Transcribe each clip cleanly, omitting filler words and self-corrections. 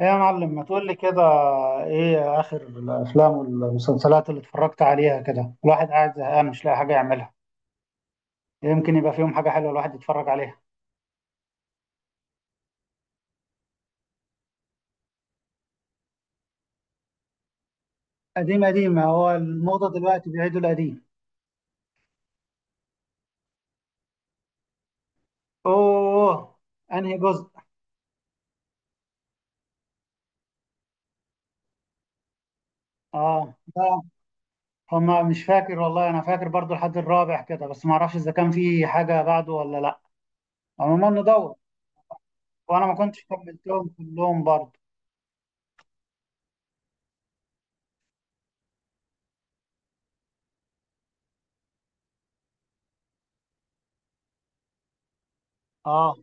ايه يا معلم، ما تقول لي كده. ايه اخر الافلام والمسلسلات اللي اتفرجت عليها كده؟ الواحد قاعد زهقان مش لاقي حاجه يعملها. يمكن يبقى فيهم حاجه حلوه الواحد يتفرج عليها. قديم قديم؟ هو الموضه دلوقتي بيعيدوا القديم. اوه، انهي جزء؟ اه، لا. هما مش فاكر والله، انا فاكر برضو لحد الرابع كده، بس ما اعرفش اذا كان في حاجه بعده ولا لا. عموما ندور. وانا ما كنتش كملتهم كلهم برضو. اه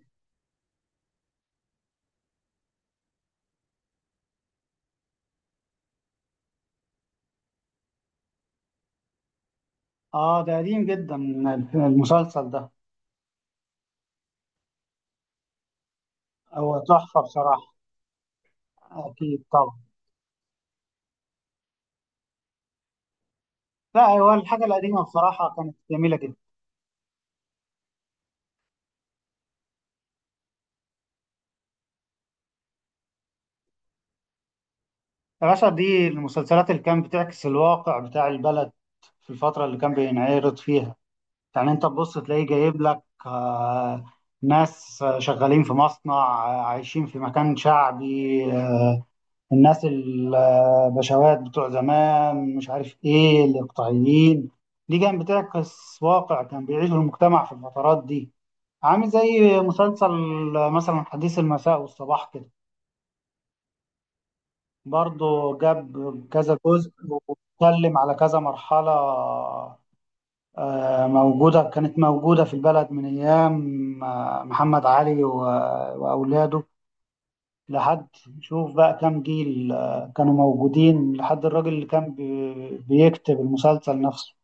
اه. ده قديم جدا المسلسل ده. هو تحفه بصراحه. اكيد طبعا. لا، هو الحاجة القديمة بصراحة كانت جميلة جدا. يا باشا، دي المسلسلات اللي كانت بتعكس الواقع بتاع البلد في الفترة اللي كان بينعرض فيها. يعني انت تبص تلاقيه جايب لك ناس شغالين في مصنع، عايشين في مكان شعبي، الناس البشوات بتوع زمان، مش عارف ايه، الاقطاعيين. دي كانت بتعكس واقع كان بيعيشه المجتمع في الفترات دي. عامل زي مسلسل مثلا حديث المساء والصباح كده. برضه جاب كذا جزء واتكلم على كذا مرحلة. موجودة، كانت موجودة في البلد من أيام محمد علي وأولاده لحد، شوف بقى كام جيل كانوا موجودين لحد الراجل اللي كان بيكتب المسلسل نفسه.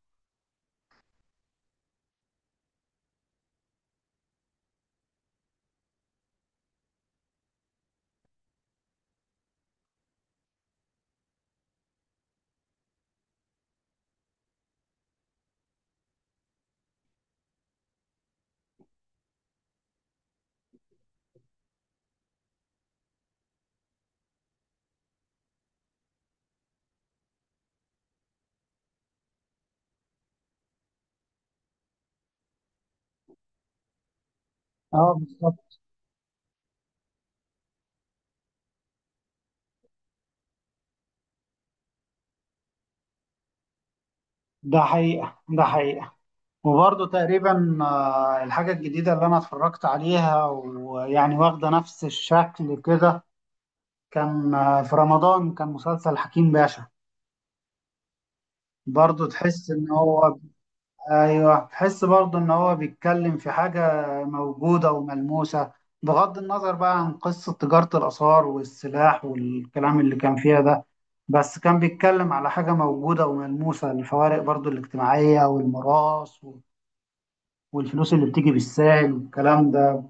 اه بالظبط. ده حقيقة. وبرضه تقريبا، الحاجة الجديدة اللي أنا اتفرجت عليها ويعني واخدة نفس الشكل كده، كان في رمضان كان مسلسل حكيم باشا. برضه تحس ان هو، ايوه، تحس برضه ان هو بيتكلم في حاجة موجودة وملموسة. بغض النظر بقى عن قصة تجارة الآثار والسلاح والكلام اللي كان فيها ده، بس كان بيتكلم على حاجة موجودة وملموسة: الفوارق برضه الاجتماعية، والميراث والفلوس اللي بتيجي بالساهل والكلام ده.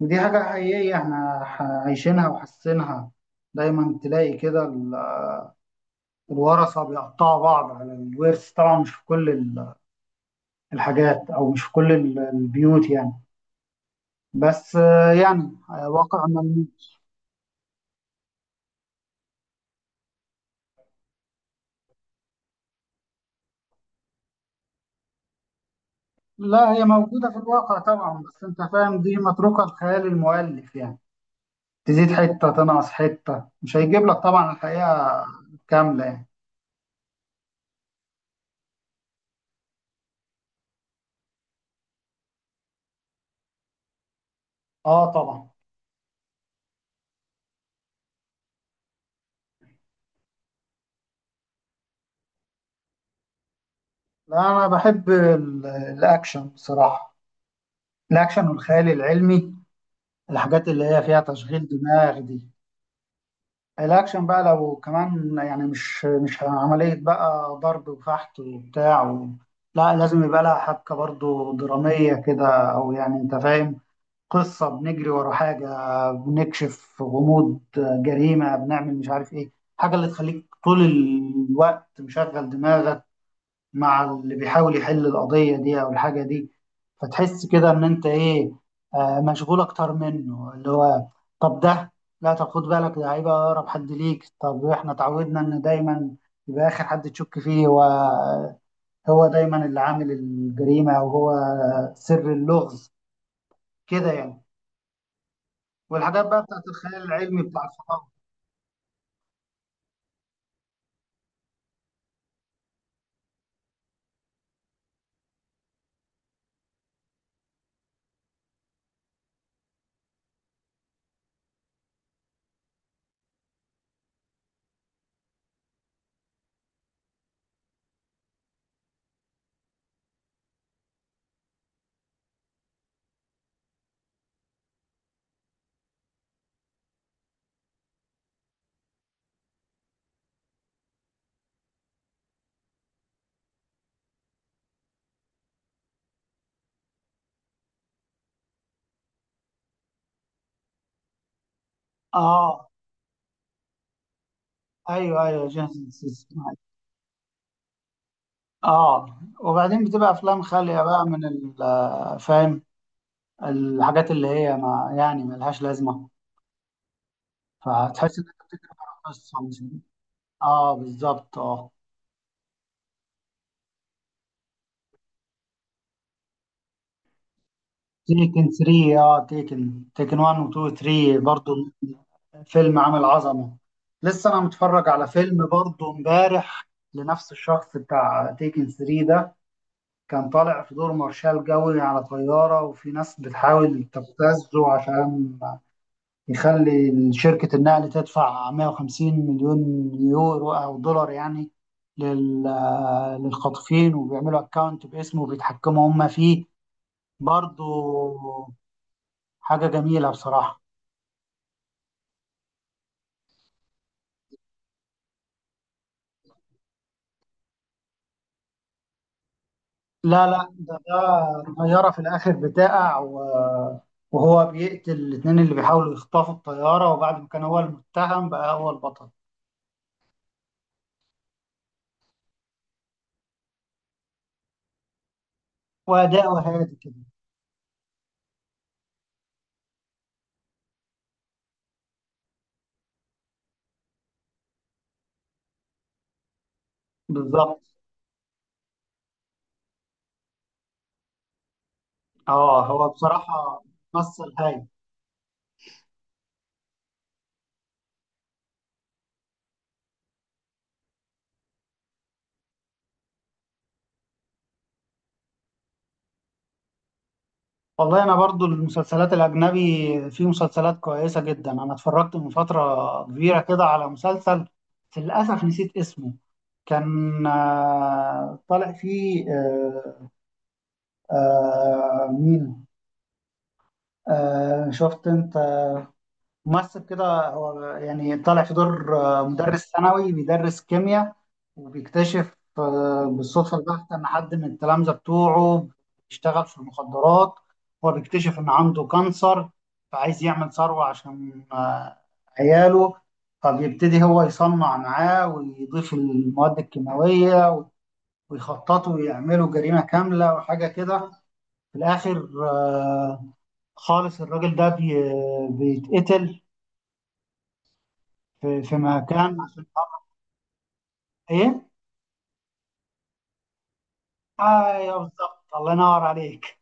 ودي حاجة حقيقية احنا عايشينها وحاسينها. دايما تلاقي كده، الورثة بيقطعوا بعض على الورث. طبعا مش في كل الحاجات، أو مش في كل البيوت يعني. بس يعني واقع ملموس. لا، هي موجودة في الواقع طبعا، بس أنت فاهم، دي متروكة لخيال المؤلف يعني. تزيد حتة تنقص حتة، مش هيجيب لك طبعا الحقيقة كاملة يعني. اه طبعا. لا، أنا بحب الأكشن بصراحة. الأكشن والخيال العلمي، الحاجات اللي هي فيها تشغيل دماغ دي. الاكشن بقى لو كمان يعني، مش عملية بقى ضرب وفحت وبتاع و... لا، لازم يبقى لها حبكة برضو درامية كده، او يعني انت فاهم، قصة بنجري ورا حاجة، بنكشف غموض جريمة، بنعمل مش عارف ايه، حاجة اللي تخليك طول الوقت مشغل دماغك مع اللي بيحاول يحل القضية دي أو الحاجة دي. فتحس كده إن أنت إيه، مشغول أكتر منه اللي هو، طب ده، لا طب خد بالك ده هيبقى أقرب حد ليك، طب إحنا اتعودنا إن دايما يبقى آخر حد تشك فيه هو، هو دايما اللي عامل الجريمة أو هو سر اللغز كده يعني. والحاجات بقى بتاعت الخيال العلمي بتاع الفضاء. آه، أيوه أيوه، جيسون ستاثام. اه وبعدين بتبقى افلام خاليه بقى من فاهم، الحاجات اللي هي ما يعني ملهاش لازمة، فتحس إنك بتكتب قصة، مش آه بالظبط آه. تيكن 3، آه، تيكن 1 و 2 و 3 برضو. فيلم عامل عظمة. لسه أنا متفرج على فيلم برضو إمبارح لنفس الشخص بتاع تيكن 3 ده. كان طالع في دور مارشال جوي على طيارة، وفي ناس بتحاول تبتزه عشان يخلي شركة النقل تدفع 150 مليون يورو أو دولار يعني، لل- للخاطفين، وبيعملوا أكاونت باسمه وبيتحكموا هم فيه برضو. حاجة جميلة بصراحة. لا لا، ده طيارة في الآخر بتقع وهو بيقتل الاتنين اللي بيحاولوا يخطفوا الطيارة، وبعد ما كان هو المتهم بقى هو البطل. وأداؤه هادي كده، بالظبط. اه، هو بصراحة مثل هايل. والله انا برضو المسلسلات الاجنبي، في مسلسلات كويسه جدا. انا اتفرجت من فتره كبيره كده على مسلسل، للاسف نسيت اسمه. كان طالع فيه مين، شفت انت، ممثل كده، هو يعني طالع في دور مدرس ثانوي بيدرس كيمياء، وبيكتشف بالصدفة البحتة إن حد من التلامذة بتوعه بيشتغل في المخدرات. هو بيكتشف إن عنده كانسر، فعايز يعمل ثروة عشان عياله، فبيبتدي هو يصنع معاه ويضيف المواد الكيماوية، ويخططوا ويعملوا جريمة كاملة وحاجة كده. في الآخر خالص الراجل ده بيتقتل في مكان، عشان تعرف ايه. ايوه بالظبط، الله ينور عليك.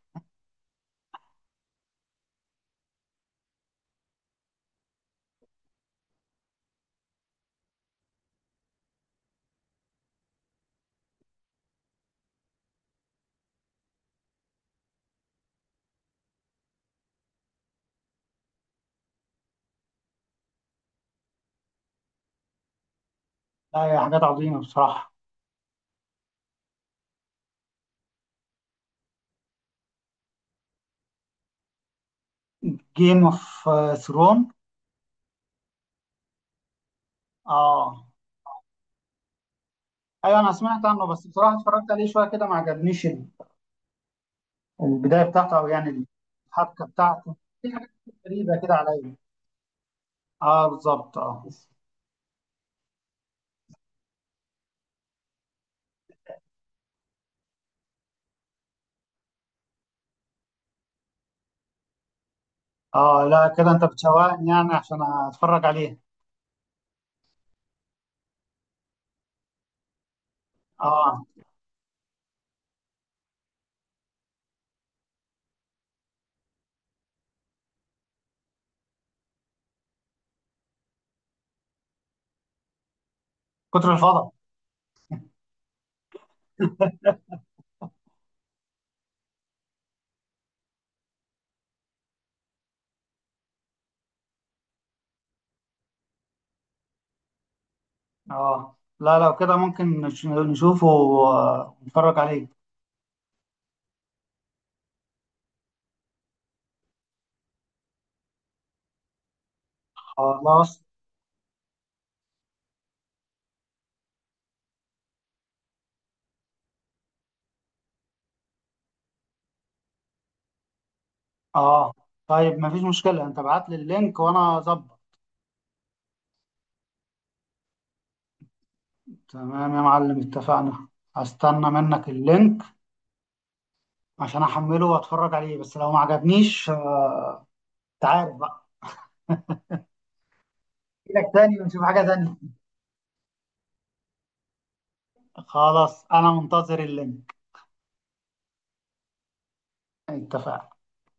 لا، هي حاجات عظيمه بصراحه. جيم اوف ثرون، اه، ايوه، انا سمعت عنه بس بصراحه اتفرجت عليه شويه كده ما عجبنيش البدايه بتاعته، او يعني الحبكه بتاعته. في حاجات غريبه كده عليا. اه بالظبط اه. اه لا كده انت بتشوقني يعني، عشان اتفرج عليه. اه كتر الفضل. اه لا، لو كده ممكن نشوفه ونتفرج عليه. خلاص. اه طيب، مفيش مشكلة، انت ابعت لي اللينك وانا اظبط. تمام يا معلم، اتفقنا. هستنى منك اللينك عشان احمله واتفرج عليه، بس لو ما عجبنيش انت عارف بقى، اجيلك تاني ونشوف حاجة تانية. خلاص، انا منتظر اللينك. اتفقنا.